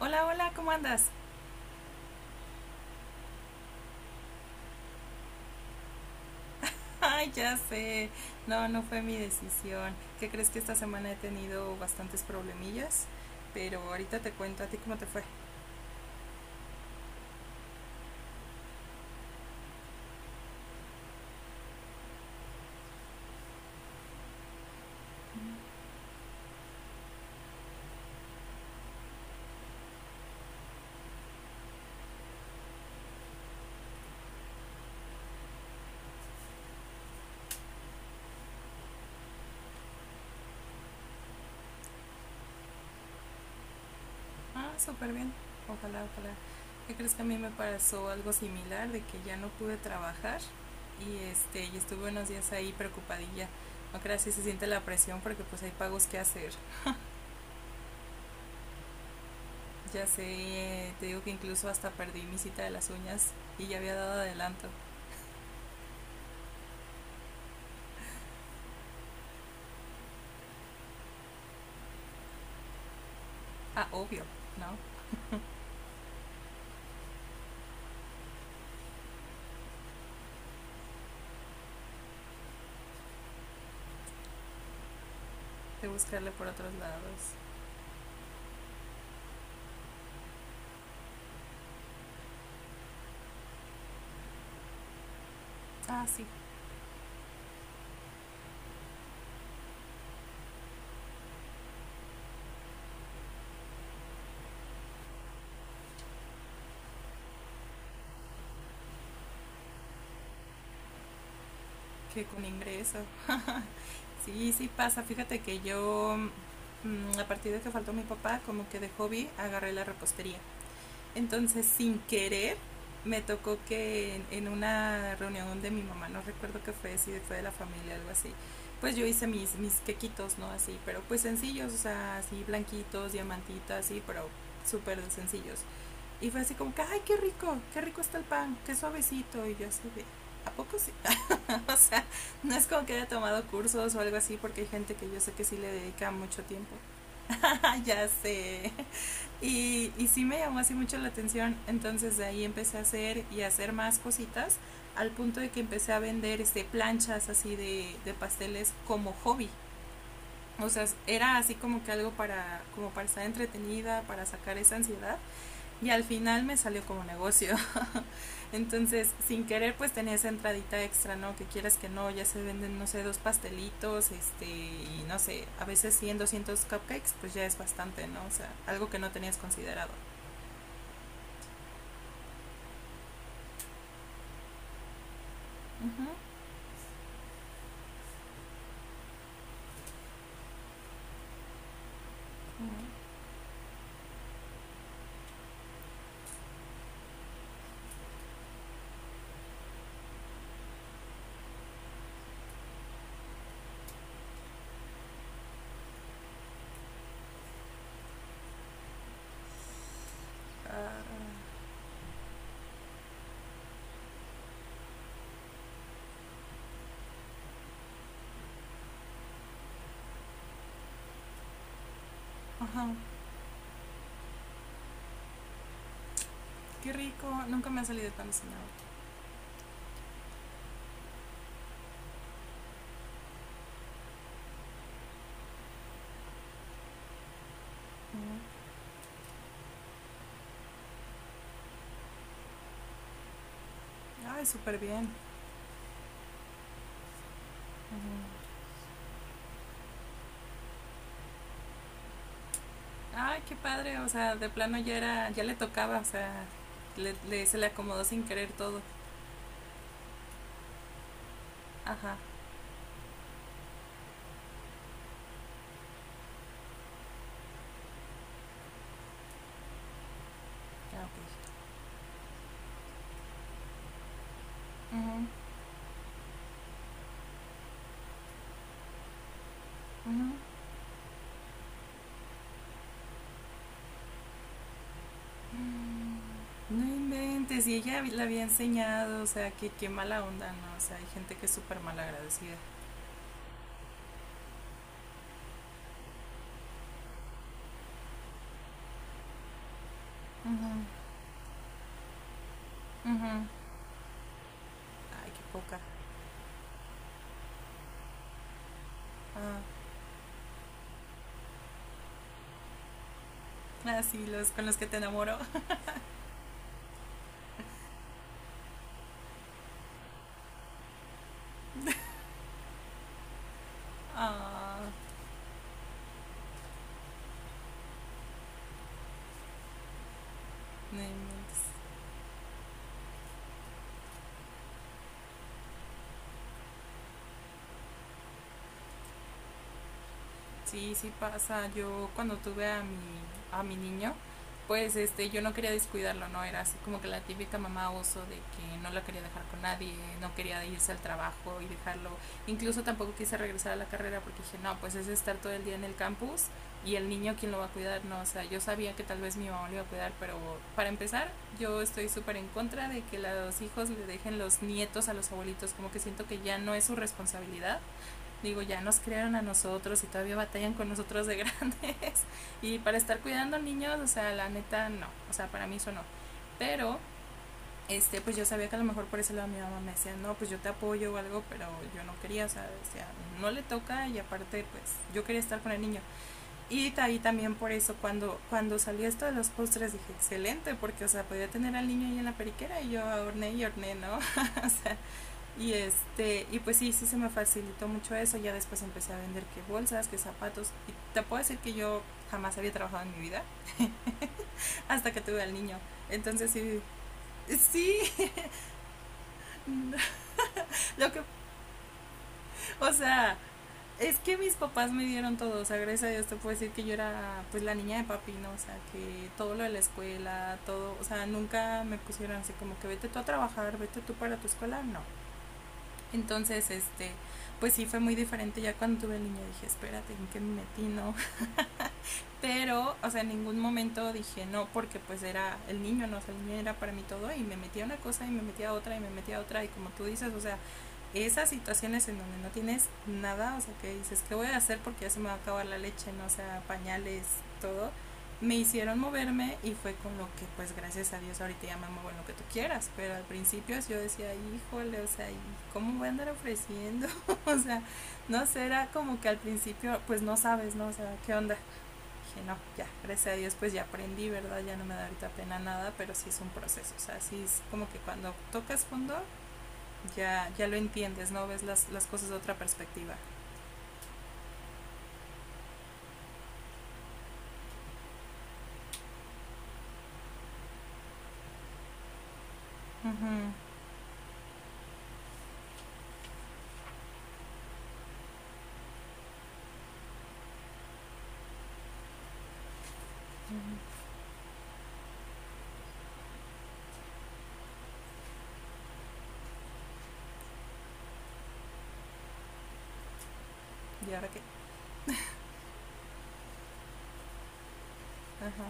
Hola, hola, ¿cómo andas? Ay, ya sé. No, no fue mi decisión. ¿Qué crees que esta semana he tenido bastantes problemillas? Pero ahorita te cuento a ti cómo te fue. Ah, súper bien. Ojalá, ojalá. ¿Qué crees que a mí me pasó algo similar de que ya no pude trabajar y estuve unos días ahí preocupadilla. No creas si se siente la presión porque pues hay pagos que hacer. Ya sé, te digo que incluso hasta perdí mi cita de las uñas y ya había dado adelanto. Ah, obvio, ¿no? De buscarle por otros lados. Ah, sí. Que con ingreso. Sí, sí pasa. Fíjate que yo, a partir de que faltó mi papá, como que de hobby agarré la repostería. Entonces, sin querer, me tocó que en una reunión de mi mamá, no recuerdo qué fue, si fue de la familia, algo así, pues yo hice mis quequitos, ¿no? Así, pero pues sencillos, o sea, así blanquitos, diamantitas, así, pero súper sencillos. Y fue así como que, ay, qué rico está el pan, qué suavecito. Y yo así de, ¿a poco sí? O sea, no es como que haya tomado cursos o algo así, porque hay gente que yo sé que sí le dedica mucho tiempo. Ya sé. Y sí me llamó así mucho la atención. Entonces de ahí empecé a hacer y a hacer más cositas, al punto de que empecé a vender planchas así de pasteles como hobby. O sea, era así como que algo para, como para estar entretenida, para sacar esa ansiedad. Y al final me salió como negocio. Entonces, sin querer, pues tenía esa entradita extra, ¿no? Que quieras que no, ya se venden, no sé, dos pastelitos, este, y no sé, a veces 100, 200 cupcakes, pues ya es bastante, ¿no? O sea, algo que no tenías considerado. Ajá, Uh, -huh. Uh -huh. Qué rico, nunca me ha salido tan diseñado. Huh. Ay, súper bien. Uh-huh. Ay, qué padre, o sea, de plano ya era, ya le tocaba, o sea, le se le acomodó sin querer todo. Ajá, ya, ok. Uh-huh. Uh-huh. No inventes, y ella la había enseñado, o sea, que qué mala onda, ¿no? O sea, hay gente que es súper mal agradecida. Ujú, ujú. Ay, qué poca. Ah, ah, sí, los con los que te enamoro. Ah, no inventes. Sí, sí pasa. Yo cuando tuve a mi niño, pues este, yo no quería descuidarlo, ¿no? Era así como que la típica mamá oso de que no la quería dejar con nadie, no quería irse al trabajo y dejarlo. Incluso tampoco quise regresar a la carrera porque dije, no, pues es estar todo el día en el campus y el niño quién lo va a cuidar, ¿no? O sea, yo sabía que tal vez mi mamá lo iba a cuidar, pero para empezar, yo estoy súper en contra de que los hijos le dejen los nietos a los abuelitos, como que siento que ya no es su responsabilidad, digo, ya nos crearon a nosotros y todavía batallan con nosotros de grandes. Y para estar cuidando niños, o sea, la neta no, o sea, para mí eso no. Pero, este, pues yo sabía que a lo mejor por ese lado mi mamá me decía, no, pues yo te apoyo o algo, pero yo no quería, o sea, decía, no le toca y aparte, pues yo quería estar con el niño. Y ahí también por eso, cuando salió esto de los postres, dije, excelente, porque, o sea, podía tener al niño ahí en la periquera y yo horneé y horneé, ¿no? O sea, y este, y pues sí, sí se me facilitó mucho eso. Ya después empecé a vender que bolsas, que zapatos. Y te puedo decir que yo jamás había trabajado en mi vida hasta que tuve al niño. Entonces sí, sí, lo que, o sea, es que mis papás me dieron todo, o sea, gracias a Dios te puedo decir que yo era pues la niña de papi, ¿no? O sea, que todo lo de la escuela, todo, o sea, nunca me pusieron así como que vete tú a trabajar, vete tú para tu escuela, no. Entonces, este, pues sí fue muy diferente. Ya cuando tuve el niño dije, espérate, ¿en qué me metí? No. Pero, o sea, en ningún momento dije no, porque pues era el niño, no, o sea, el niño era para mí todo y me metía una cosa y me metía otra y me metía otra y como tú dices, o sea, esas situaciones en donde no tienes nada, o sea, que dices, ¿qué voy a hacer? Porque ya se me va a acabar la leche, no o sea, pañales, todo, me hicieron moverme y fue con lo que, pues, gracias a Dios, ahorita ya me muevo en lo que tú quieras, pero al principio yo decía, híjole, o sea, ¿y cómo voy a andar ofreciendo? O sea, no sé, era como que al principio, pues, no sabes, ¿no? O sea, ¿qué onda? Dije, no, ya, gracias a Dios, pues, ya aprendí, ¿verdad? Ya no me da ahorita pena nada, pero sí es un proceso, o sea, sí es como que cuando tocas fondo, ya, ya lo entiendes, ¿no? Ves las cosas de otra perspectiva. Uh-huh. Uh-huh. Y ahora que... Ajá.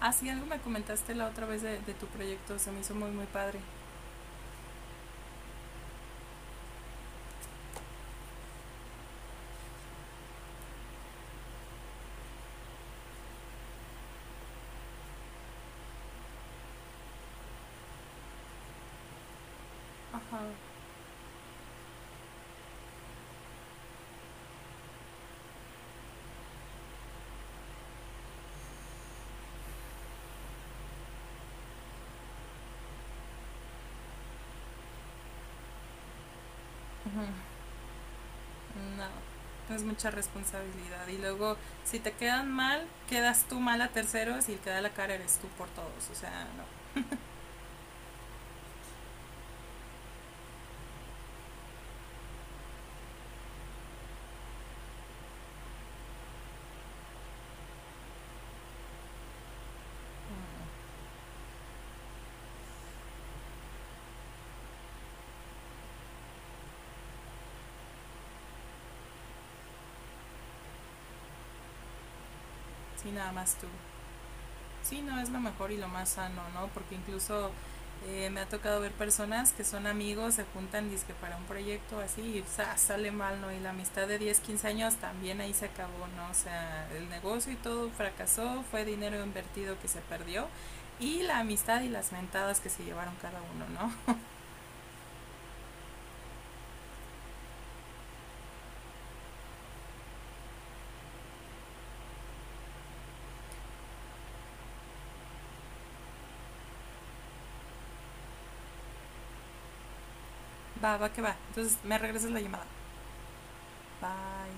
Ah, sí, algo me comentaste la otra vez de tu proyecto, se me hizo muy, muy padre. Ajá. Uh-huh. Uh-huh. No, es mucha responsabilidad. Y luego, si te quedan mal, quedas tú mal a terceros y el que da la cara eres tú por todos. O sea, no. Mm. Sí, nada más tú. Sí, no, es lo mejor y lo más sano, ¿no? Porque incluso me ha tocado ver personas que son amigos, se juntan dizque para un proyecto así y ¡zas! Sale mal, ¿no? Y la amistad de 10 15 años también ahí se acabó, ¿no? O sea, el negocio y todo fracasó, fue dinero invertido que se perdió y la amistad y las mentadas que se llevaron cada uno, ¿no? Va, va que va. Entonces, me regresas la llamada. Bye.